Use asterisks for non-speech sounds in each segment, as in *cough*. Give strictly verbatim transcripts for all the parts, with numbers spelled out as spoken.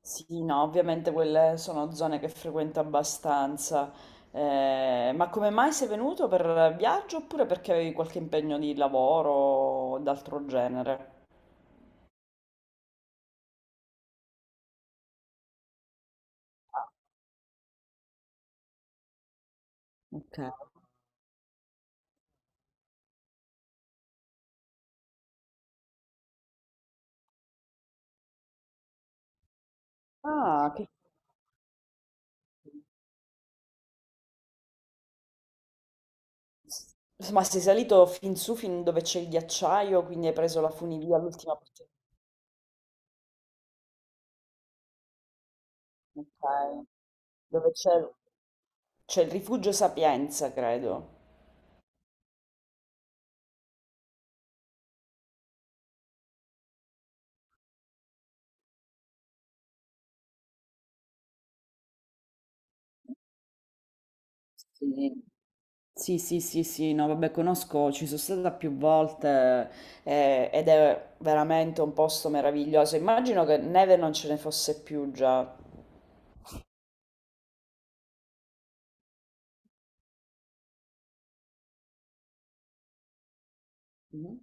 Sì, no, ovviamente quelle sono zone che frequento abbastanza. Eh, ma come mai sei venuto per viaggio oppure perché avevi qualche impegno di lavoro o d'altro genere? Ok. Ah, che... Ma sei salito fin su, fin dove c'è il ghiacciaio, quindi hai preso la funivia l'ultima volta. Ok. Dove c'è c'è il rifugio Sapienza, credo. Sì. Sì, sì, sì, sì, no, vabbè, conosco, ci sono stata più volte eh, ed è veramente un posto meraviglioso. Immagino che neve non ce ne fosse più già. Mhm.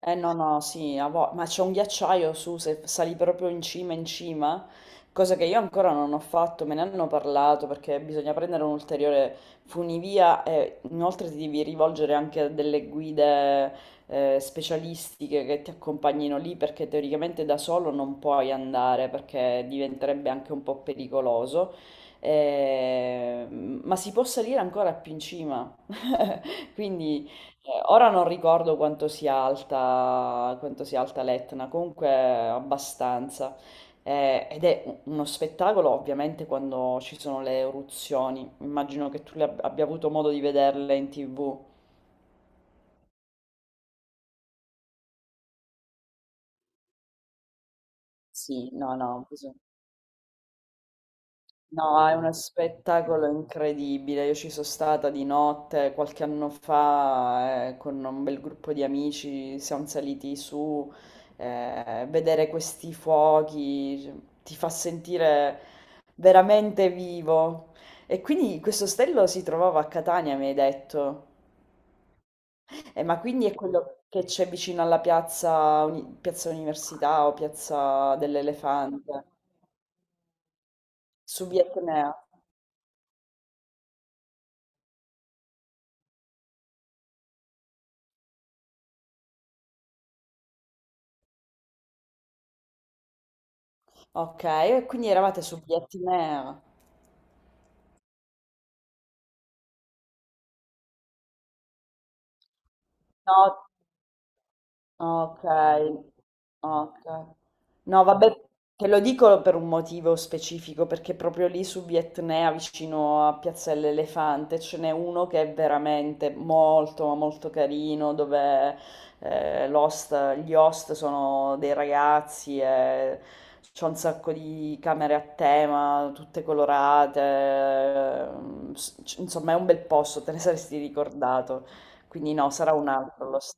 Eh no, no, sì, a vo- ma c'è un ghiacciaio su, se sali proprio in cima, in cima, cosa che io ancora non ho fatto, me ne hanno parlato perché bisogna prendere un ulteriore funivia e inoltre ti devi rivolgere anche a delle guide eh, specialistiche che ti accompagnino lì perché teoricamente da solo non puoi andare perché diventerebbe anche un po' pericoloso. Eh, ma si può salire ancora più in cima, *laughs* quindi. Eh, Ora non ricordo quanto sia alta, quanto sia alta l'Etna, comunque abbastanza. Eh, ed è u- uno spettacolo ovviamente quando ci sono le eruzioni. Immagino che tu le ab- abbia avuto modo di vederle in T V. Sì, no, no. No, è uno spettacolo incredibile. Io ci sono stata di notte qualche anno fa, eh, con un bel gruppo di amici, siamo saliti su, eh, vedere questi fuochi cioè, ti fa sentire veramente vivo. E quindi questo ostello si trovava a Catania, mi hai detto. Eh, ma quindi è quello che c'è vicino alla piazza, Uni- piazza Università o piazza dell'Elefante, su Via Etnea. Okay, e quindi eravate su Biettimer. No. Ok, ok. No, vabbè, te lo dico per un motivo specifico, perché proprio lì su Vietnea, vicino a Piazza dell'Elefante, ce n'è uno che è veramente molto, ma molto carino, dove eh, l'host- gli host sono dei ragazzi e c'è un sacco di camere a tema, tutte colorate, ehm, s- c- insomma è un bel posto, te ne saresti ricordato. Quindi no, sarà un altro lo st-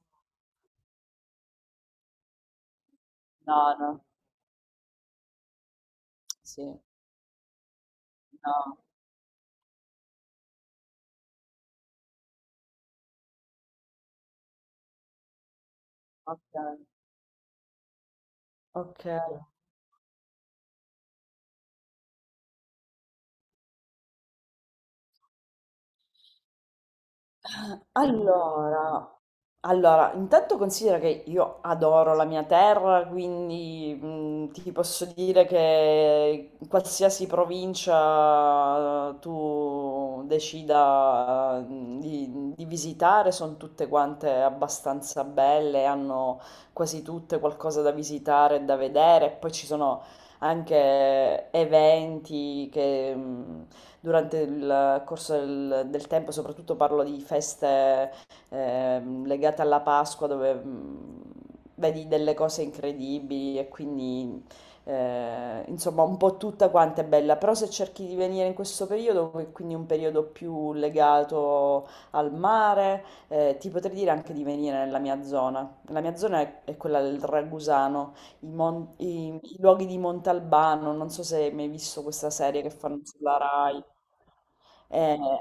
No, no. Sì, no, okay, okay. Allora allora, intanto considera che io adoro la mia terra, quindi, mhmm, ti posso dire che in qualsiasi provincia eh, tu decida, mhmm, di di visitare, son tutte quante abbastanza belle, hanno quasi tutte qualcosa da visitare e da vedere, e poi ci sono anche eventi che, mhmm durante il corso del, del tempo, soprattutto parlo di feste ehm, legate alla Pasqua dove mh, vedi delle cose incredibili e quindi eh, insomma un po' tutta quanta è bella, però se cerchi di venire in questo periodo, que- quindi un periodo più legato al mare, eh, ti potrei dire anche di venire nella mia zona. La mia zona è, è quella del Ragusano, i, mon- i- i luoghi di Montalbano, non so se hai mai visto questa serie che fanno sulla Rai. Eh,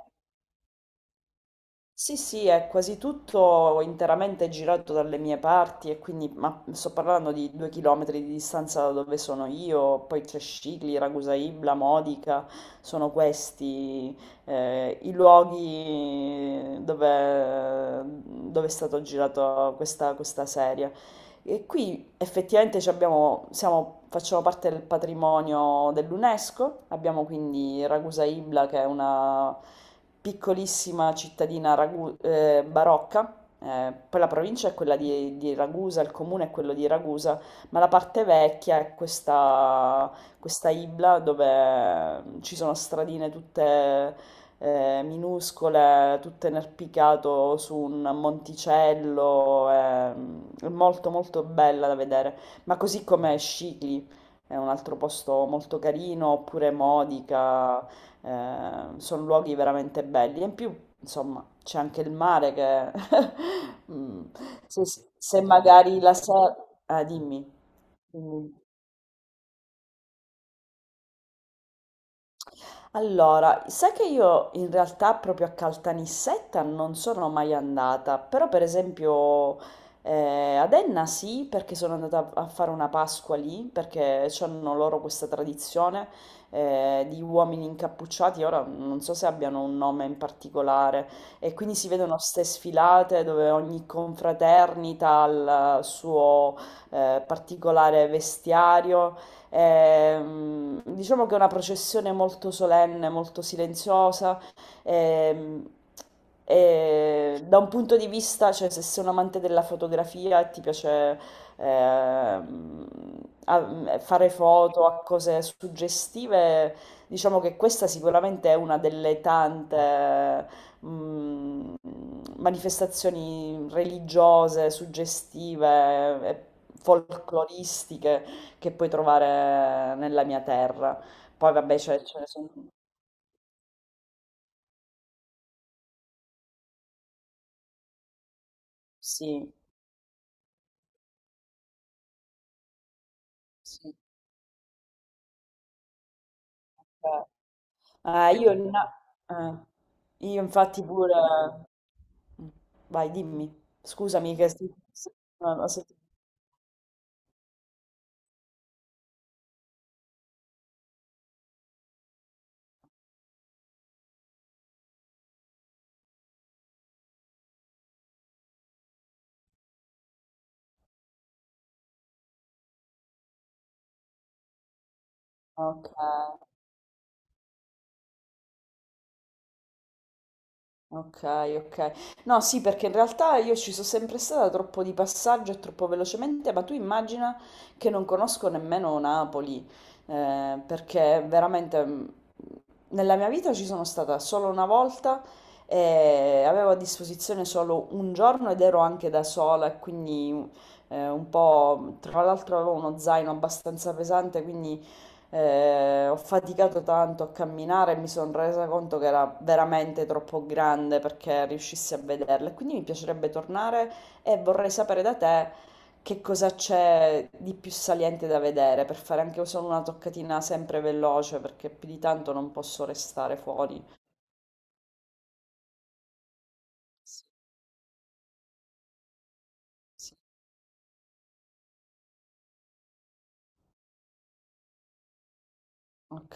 sì, sì, è quasi tutto interamente girato dalle mie parti e quindi ma sto parlando di due chilometri di distanza da dove sono io, poi c'è Scicli, Ragusa Ibla, Modica, sono questi eh, i luoghi dove, dove, è stato girato questa, questa serie. E qui effettivamente ci abbiamo- siamo- facciamo parte del patrimonio dell'UNESCO, abbiamo quindi Ragusa Ibla che è una piccolissima cittadina ragu- eh, barocca. Eh, poi la provincia è quella di, di Ragusa, il comune è quello di Ragusa, ma la parte vecchia è questa, questa Ibla dove ci sono stradine tutte eh, minuscole, tutto inarpicato su un monticello, ehm, è molto molto bella da vedere, ma così come Scicli, è un altro posto molto carino, oppure Modica, eh, sono luoghi veramente belli. E in più, insomma, c'è anche il mare che *laughs* mm, se, se magari la sera. Ah, dimmi, dimmi. Allora, sai che io in realtà proprio a Caltanissetta non sono mai andata, però per esempio eh, ad Enna sì, perché sono andata a fare una Pasqua lì, perché hanno loro questa tradizione eh, di uomini incappucciati, ora non so se abbiano un nome in particolare, e quindi si vedono ste sfilate dove ogni confraternita ha il suo eh, particolare vestiario. Ehm, diciamo che è una processione molto solenne, molto silenziosa. ehm, e da un punto di vista, cioè, se sei un amante della fotografia e ti piace ehm, a- fare foto a cose suggestive, diciamo che questa sicuramente è una delle tante mm, manifestazioni religiose, suggestive e folcloristiche che puoi trovare nella mia terra. Poi vabbè, ce ce ne sono. Sì, sì. Cioè, eh. Ah, io, in- eh, io infatti pure. Vai, dimmi. Scusami, che... sti- sti- no, no, se- Ok. Ok, ok. No, sì, perché in realtà io ci sono sempre stata troppo di passaggio e troppo velocemente, ma tu immagina che non conosco nemmeno Napoli, eh, perché veramente mh, nella mia vita ci sono stata solo una volta e avevo a disposizione solo un giorno ed ero anche da sola, e quindi eh, un po', tra l'altro avevo uno zaino abbastanza pesante, quindi eh, ho faticato tanto a camminare e mi sono resa conto che era veramente troppo grande perché riuscissi a vederla. E quindi mi piacerebbe tornare e vorrei sapere da te che cosa c'è di più saliente da vedere per fare anche solo una toccatina sempre veloce perché più di tanto non posso restare fuori. Sì, sì. Ok,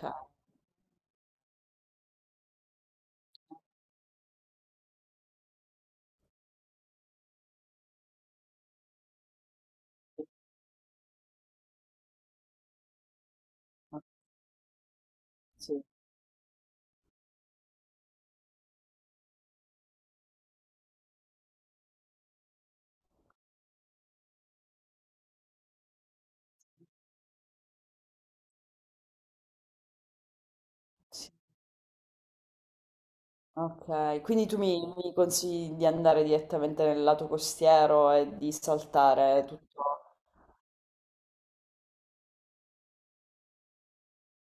sì, sì. Ok, quindi tu mi, mi consigli di andare direttamente nel lato costiero e di saltare tutto.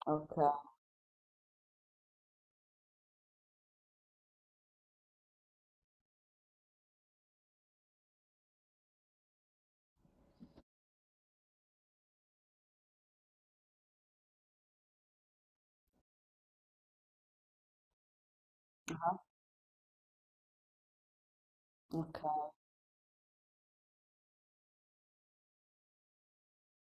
Ok. Ah, ok.